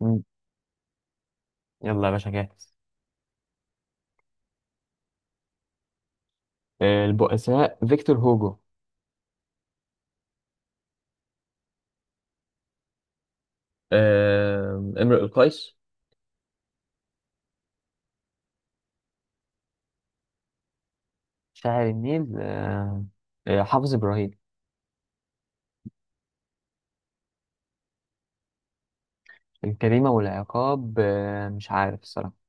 مم. يلا يا باشا جاهز. البؤساء فيكتور هوجو. امرؤ القيس. شاعر النيل، حافظ إبراهيم. الجريمة والعقاب، مش عارف الصراحة.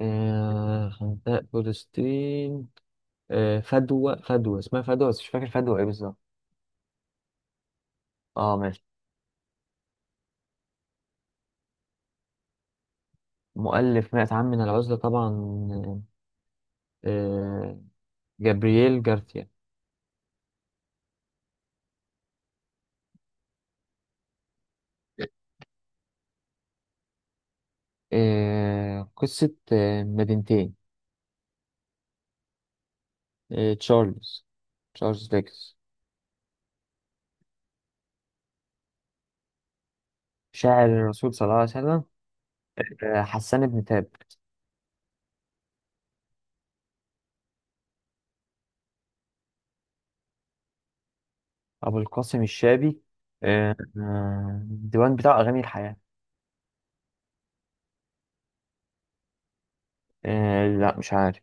خندق فلسطين. فدوى اسمها فدوى، بس مش فاكر فدوى ايه بالظبط. اه ماشي. مؤلف مائة عام من العزلة طبعا، آه، آه، جابرييل جارثيا. قصة مدينتين. آه، تشارلز تشارلز ديكنز. شاعر الرسول صلى الله عليه وسلم، حسان بن ثابت. أبو القاسم الشابي، الديوان بتاع أغاني الحياة. لا مش عارف.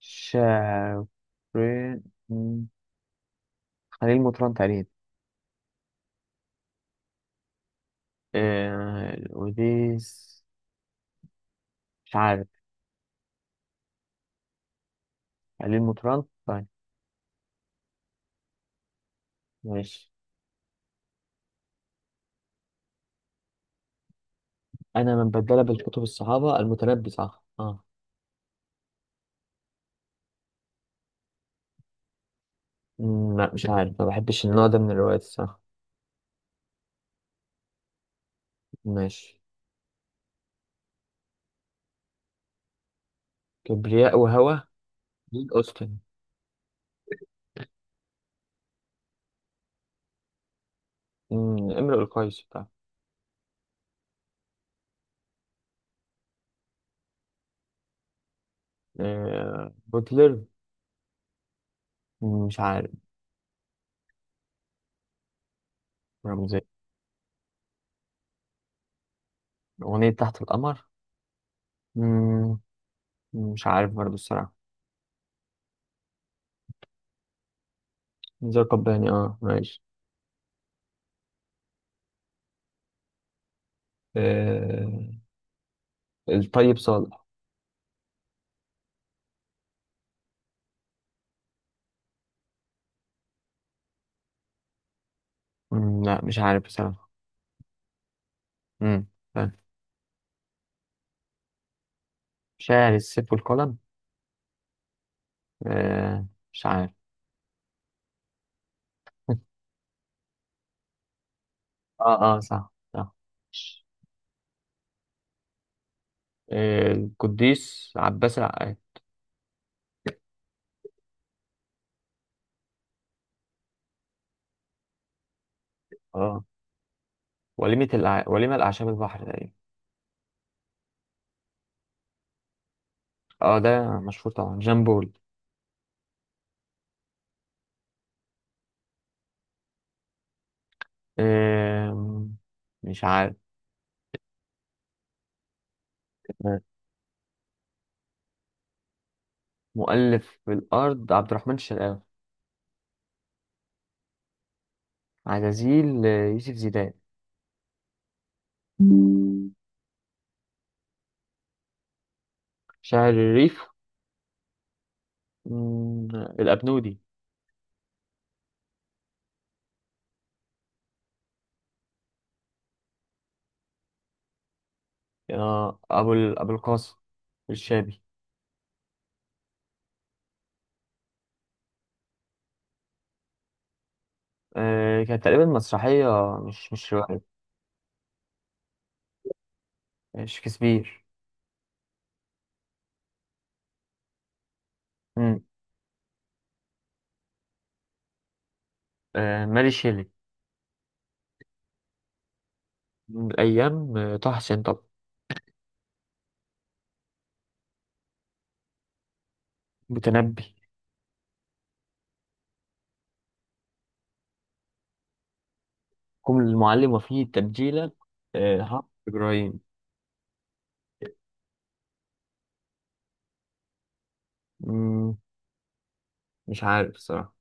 شاعر، مم، خليل مطران تقريبا. الأوديس، مش عارف. خليل مطران طيب. ماشي. أنا من بدل بالكتب الصحابة المتنبي صح اه. لا مش عارف، ما بحبش النوع ده من الروايات الصراحة. ماشي. كبرياء وهوى، جيل أوستن. امرؤ القيس بتاع. بوتلر، مش عارف. رمزية. أغنية تحت القمر، مم، مش عارف برضه الصراحة. نزار قباني اه ماشي. آه، الطيب صالح. لا مش عارف بصراحة. مم، طيب. شاعر السيف والقلم، آه، مش عارف. اه اه صح صح. القديس عباس العقاد. اه، وليمة الأعشاب البحر تقريبا. اه ده مشهور طبعا جامبول. آه، مش عارف. مؤلف الأرض عبد الرحمن الشرقاوي. عزازيل، يوسف زيدان. شاعر الريف، مم، الأبنودي. أبو القاسم الشابي. كانت تقريبا مسرحية، مش رواية. شكسبير. مم. ماري شيلي. من الأيام، طه حسين طبعا. متنبي. كم المعلم وفيه تبجيلة، ها إبراهيم. مم، مش عارف الصراحة.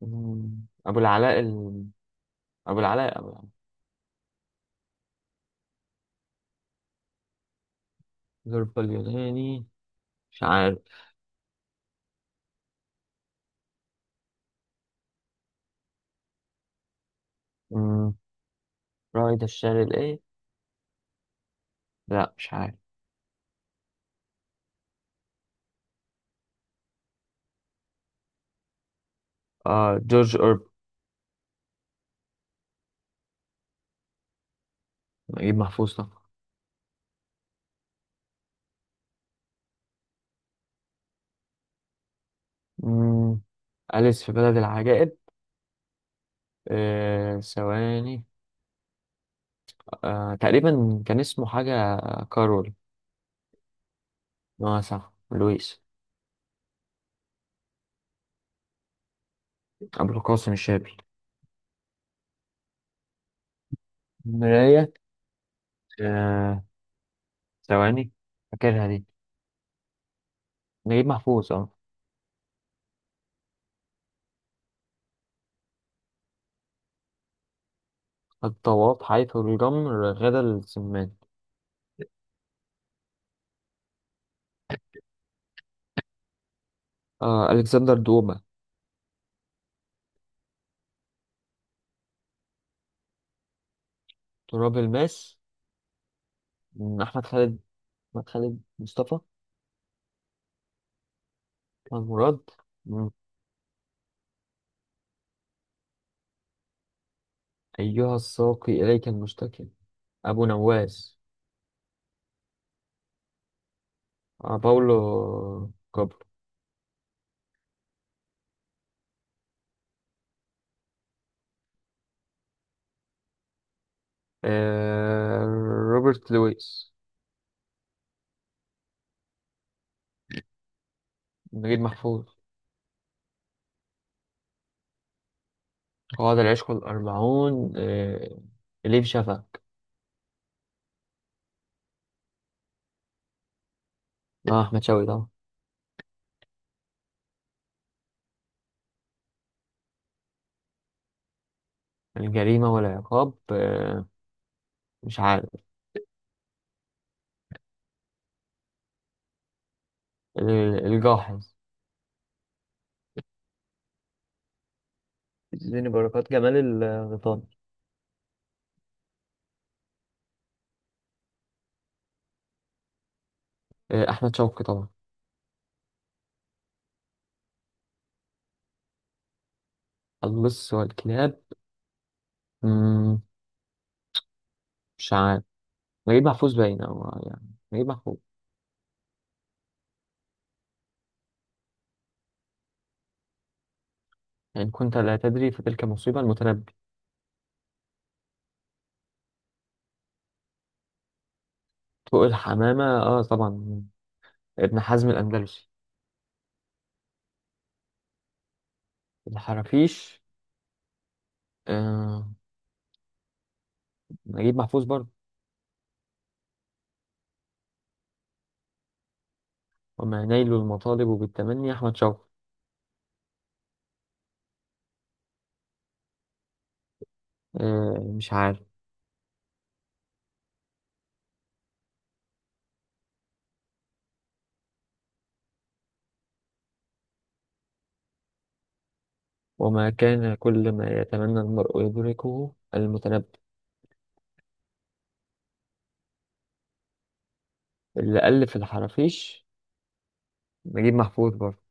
مم، أبو العلاء ال... أبو العلاء أبو العلاء. ظرف اليوناني، مش عارف. مم. رائد الشعر الايه؟ لا مش عارف. جورج أورب. نجيب محفوظ طبعا. مم. أليس في بلد العجائب، ثواني. تقريبا كان اسمه حاجة، كارول. اه صح لويس. أبو القاسم الشابي. مراية، آه ثواني، فاكرها دي، نجيب محفوظ اه. الطواف حيث الجمر غدا السمان. ألكسندر دوما. تراب الماس، مم، أحمد خالد أحمد خالد مصطفى. المراد. مم. أيها الساقي إليك المشتكي، أبو نواس. باولو كوبر. آه روبرت لويس. نجيب محفوظ. قواعد العشق الأربعون، إليف شفق. أحمد شوقي طبعا. الجريمة والعقاب، مش عارف. الجاحظ. اديني بركات جمال الغيطان. أحمد شوقي طبعا. اللص والكلاب، مم، مش عارف، نجيب محفوظ باين أو يعني نجيب محفوظ. إن كنت لا تدري فتلك مصيبة المتنبي. طوق الحمامة طبعا، ابن حزم الأندلسي. الحرافيش، آه نجيب محفوظ برضه. وما نيل المطالب بالتمني أحمد شوقي. مش عارف. وما كان كل ما يتمنى المرء يدركه المتنبي. اللي ألف الحرافيش نجيب محفوظ برضه.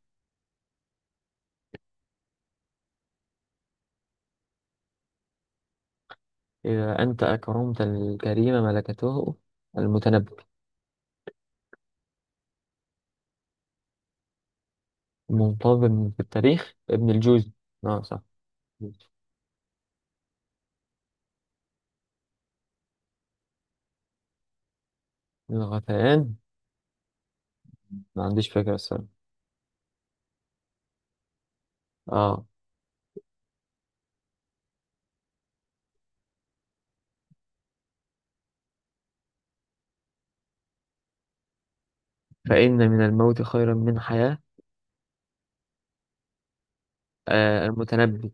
إذا أنت أكرمت الكريم ملكته المتنبي. منتظم في التاريخ ابن الجوزي، صح. الغثيان، ما عنديش فكرة الصراحة. اه. فإن من الموت خيرا من حياة، المتنبي.